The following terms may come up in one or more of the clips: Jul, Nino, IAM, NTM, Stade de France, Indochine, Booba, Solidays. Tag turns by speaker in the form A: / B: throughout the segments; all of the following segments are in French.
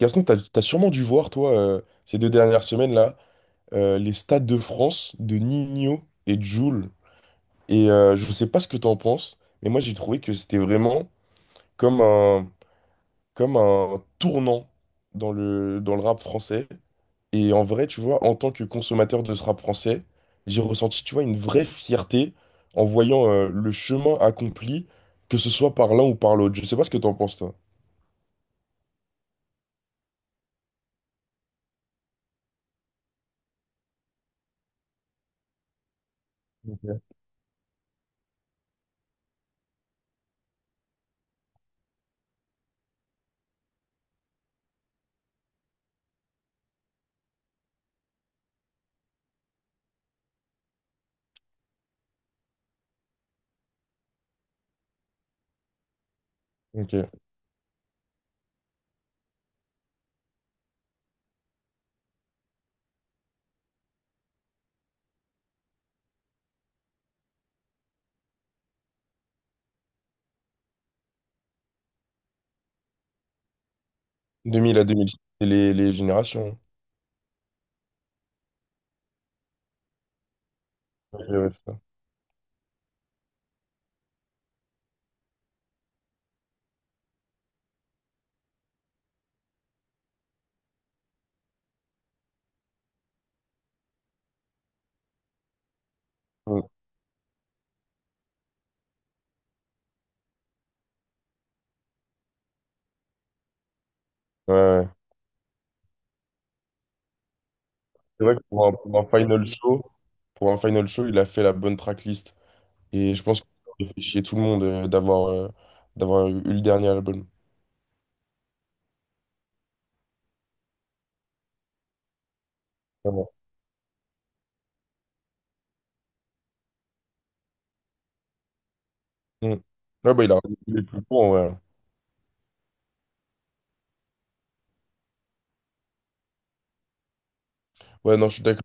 A: Gaston, t'as sûrement dû voir, toi, ces deux dernières semaines-là, les stades de France de Nino et Jul. Et je sais pas ce que t'en penses, mais moi j'ai trouvé que c'était vraiment comme un, comme un tournant dans le rap français. Et en vrai, tu vois, en tant que consommateur de ce rap français, j'ai ressenti, tu vois, une vraie fierté en voyant le chemin accompli, que ce soit par l'un ou par l'autre. Je sais pas ce que t'en penses, toi. Ok. Ok. 2000 à 2006, c'est les générations. Ok, ouais. Mm. Ouais, ouais. C'est vrai que pour pour un final show, il a fait la bonne tracklist. Et je pense que ça fait chier tout le monde d'avoir eu le dernier album. Vraiment. Mm. Ouais, bah, il a raison, il est plus court, ouais. Ouais, non, je suis d'accord.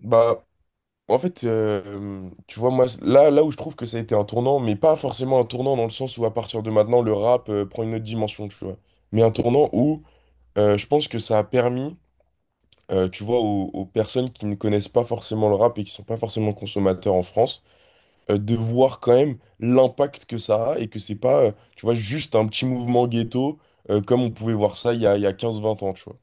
A: Bah, en fait, tu vois, moi, là où je trouve que ça a été un tournant, mais pas forcément un tournant dans le sens où à partir de maintenant, le rap prend une autre dimension, tu vois. Mais un tournant où je pense que ça a permis. Tu vois, aux personnes qui ne connaissent pas forcément le rap et qui sont pas forcément consommateurs en France, de voir quand même l'impact que ça a et que c'est pas, tu vois, juste un petit mouvement ghetto comme on pouvait voir ça il y a 15 20 ans, tu vois.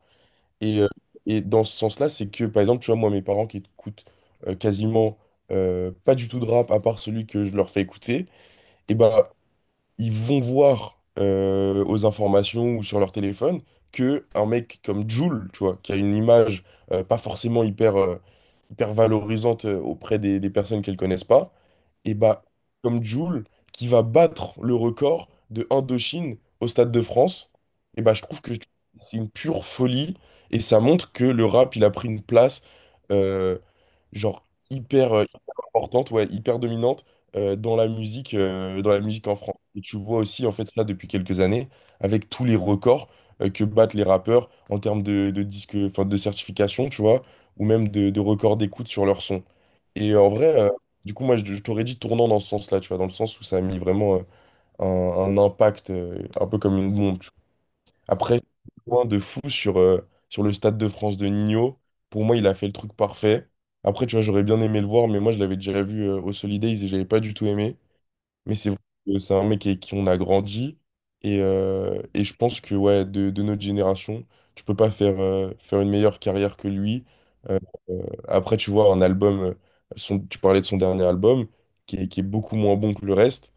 A: Et, euh, et dans ce sens-là, c'est que, par exemple, tu vois, moi, mes parents qui écoutent quasiment pas du tout de rap à part celui que je leur fais écouter, et ben ils vont voir aux informations ou sur leur téléphone que un mec comme Jul, tu vois, qui a une image pas forcément hyper valorisante auprès des personnes qu'elles connaissent pas, et bah, comme Jul, qui va battre le record de Indochine au Stade de France, et bah, je trouve que c'est une pure folie et ça montre que le rap, il a pris une place euh, genre hyper importante, ouais, hyper dominante dans la musique en France. Et tu vois aussi en fait ça depuis quelques années avec tous les records que battent les rappeurs en termes de disque, enfin de certification, tu vois, ou même de records d'écoute sur leur son. Et en vrai, du coup, moi, je t'aurais dit tournant dans ce sens-là, tu vois, dans le sens où ça a mis vraiment un impact, un peu comme une bombe, tu vois. Après, point de fou sur, sur le Stade de France de Nino. Pour moi, il a fait le truc parfait. Après, tu vois, j'aurais bien aimé le voir, mais moi, je l'avais déjà vu au Solidays et j'avais pas du tout aimé. Mais c'est vrai que c'est un mec avec qui on a grandi. Et je pense que ouais, de notre génération, tu peux pas faire, faire une meilleure carrière que lui. Euh, euh, Après, tu vois, un album, tu parlais de son dernier album, qui est beaucoup moins bon que le reste.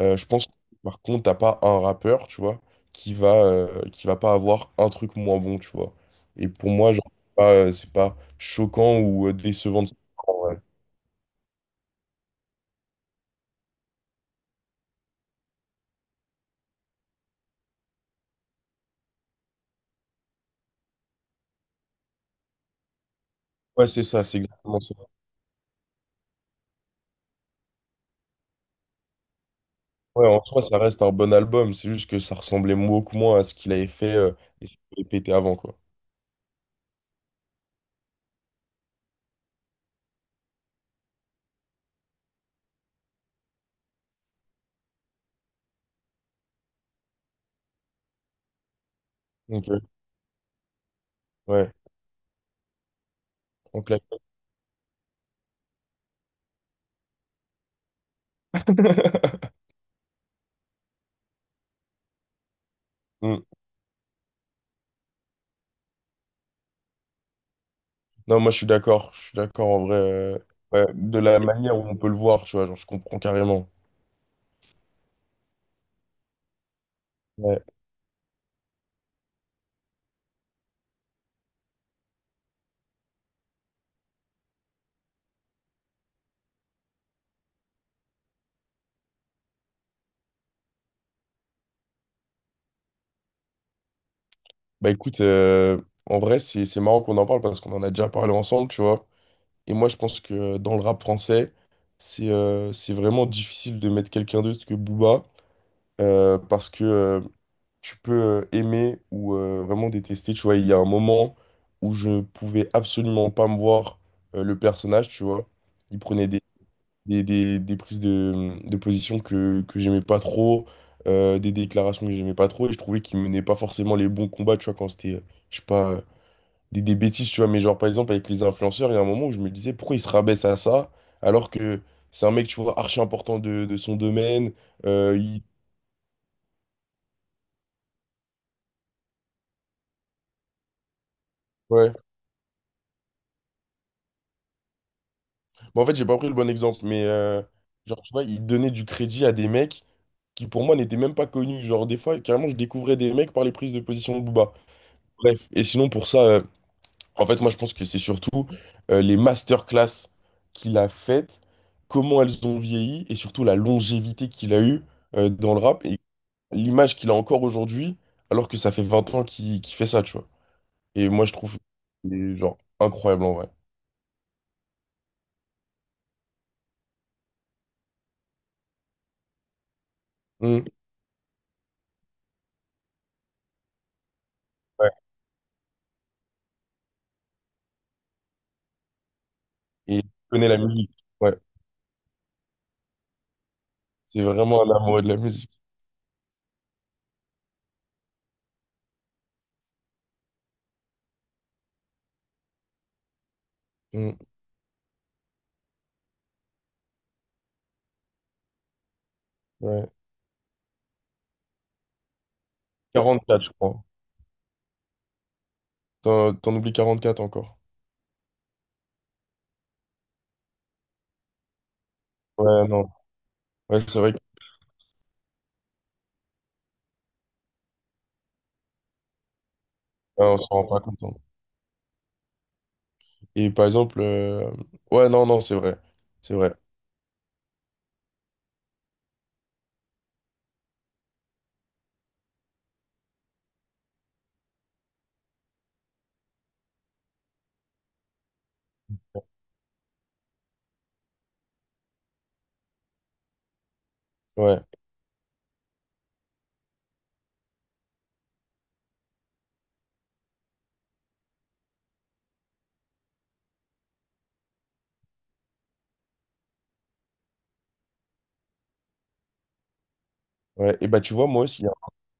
A: Je pense que, par contre, t'as pas un rappeur, tu vois, qui va pas avoir un truc moins bon, tu vois. Et pour moi, genre, c'est pas choquant ou décevant. Ouais, Ouais, c'est ça, c'est exactement ça. Ouais, en soi, ça reste un bon album. C'est juste que ça ressemblait beaucoup moins à ce qu'il avait fait et ce qu'il avait pété avant, quoi. Ok. Ouais, on claque. Hmm. Non, moi, je suis d'accord. Je suis d'accord, en vrai. Ouais, de la manière où on peut le voir, tu vois, genre, je comprends carrément. Ouais. Bah, écoute, en vrai, c'est marrant qu'on en parle parce qu'on en a déjà parlé ensemble, tu vois. Et moi, je pense que dans le rap français, c'est vraiment difficile de mettre quelqu'un d'autre que Booba. Parce que tu peux aimer ou vraiment détester. Tu vois, il y a un moment où je pouvais absolument pas me voir le personnage, tu vois. Il prenait des prises de position que j'aimais pas trop, des déclarations que j'aimais pas trop, et je trouvais qu'il menait pas forcément les bons combats, tu vois, quand c'était, je sais pas, des bêtises, tu vois. Mais genre, par exemple, avec les influenceurs, il y a un moment où je me disais, pourquoi il se rabaisse à ça, alors que c'est un mec, tu vois, archi important de son domaine, euh, il... ouais. Bon, en fait, j'ai pas pris le bon exemple, mais genre, tu vois, il donnait du crédit à des mecs qui, pour moi, n'étaient même pas connus. Genre, des fois, carrément, je découvrais des mecs par les prises de position de Booba. Bref, et sinon, pour ça, en fait, moi, je pense que c'est surtout les masterclass qu'il a faites, comment elles ont vieilli, et surtout la longévité qu'il a eue dans le rap, et l'image qu'il a encore aujourd'hui, alors que ça fait 20 ans qu'il fait ça, tu vois. Et moi, je trouve, genre, incroyable en vrai. Mm. Ouais. Et il connaît la musique. Ouais. C'est vraiment un amoureux de la musique. Mm, ouais. 44, je crois. T'en oublies 44 encore. Ouais, non. Ouais, c'est vrai qu'on s'en rend pas compte, hein. Et par exemple, ouais, non, non, c'est vrai. C'est vrai. Ouais, ouais. Et bah, tu vois, moi aussi,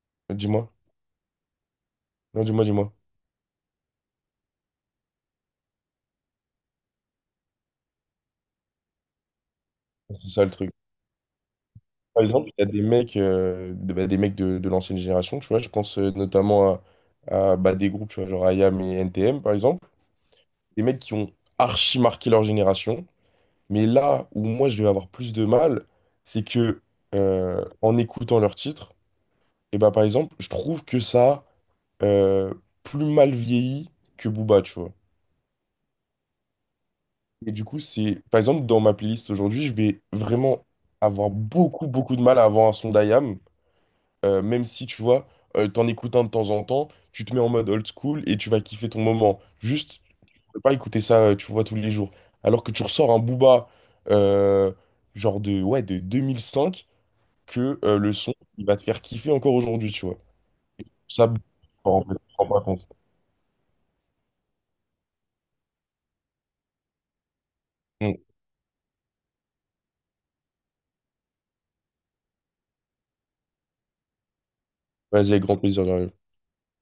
A: hein. Dis-moi. Non, dis-moi, dis-moi. C'est ça le truc. Par exemple, il y a des mecs, bah, des mecs de l'ancienne génération, tu vois. Je pense notamment à, bah, des groupes, tu vois, genre IAM et NTM, par exemple. Des mecs qui ont archi marqué leur génération. Mais là où moi je vais avoir plus de mal, c'est que en écoutant leurs titres, et bah par exemple, je trouve que ça a plus mal vieilli que Booba, tu vois. Et du coup, c'est par exemple dans ma playlist aujourd'hui, je vais vraiment avoir beaucoup beaucoup de mal à avoir un son d'IAM, même si tu vois, t'en écoutes un de temps en temps, tu te mets en mode old school et tu vas kiffer ton moment. Juste, tu peux pas écouter ça, tu vois, tous les jours. Alors que tu ressors un Booba euh, genre de ouais de 2005 que le son, il va te faire kiffer encore aujourd'hui, tu vois. Ça, en fait, je me rends pas compte. Mm. Vas-y, avec grand plaisir, Dario.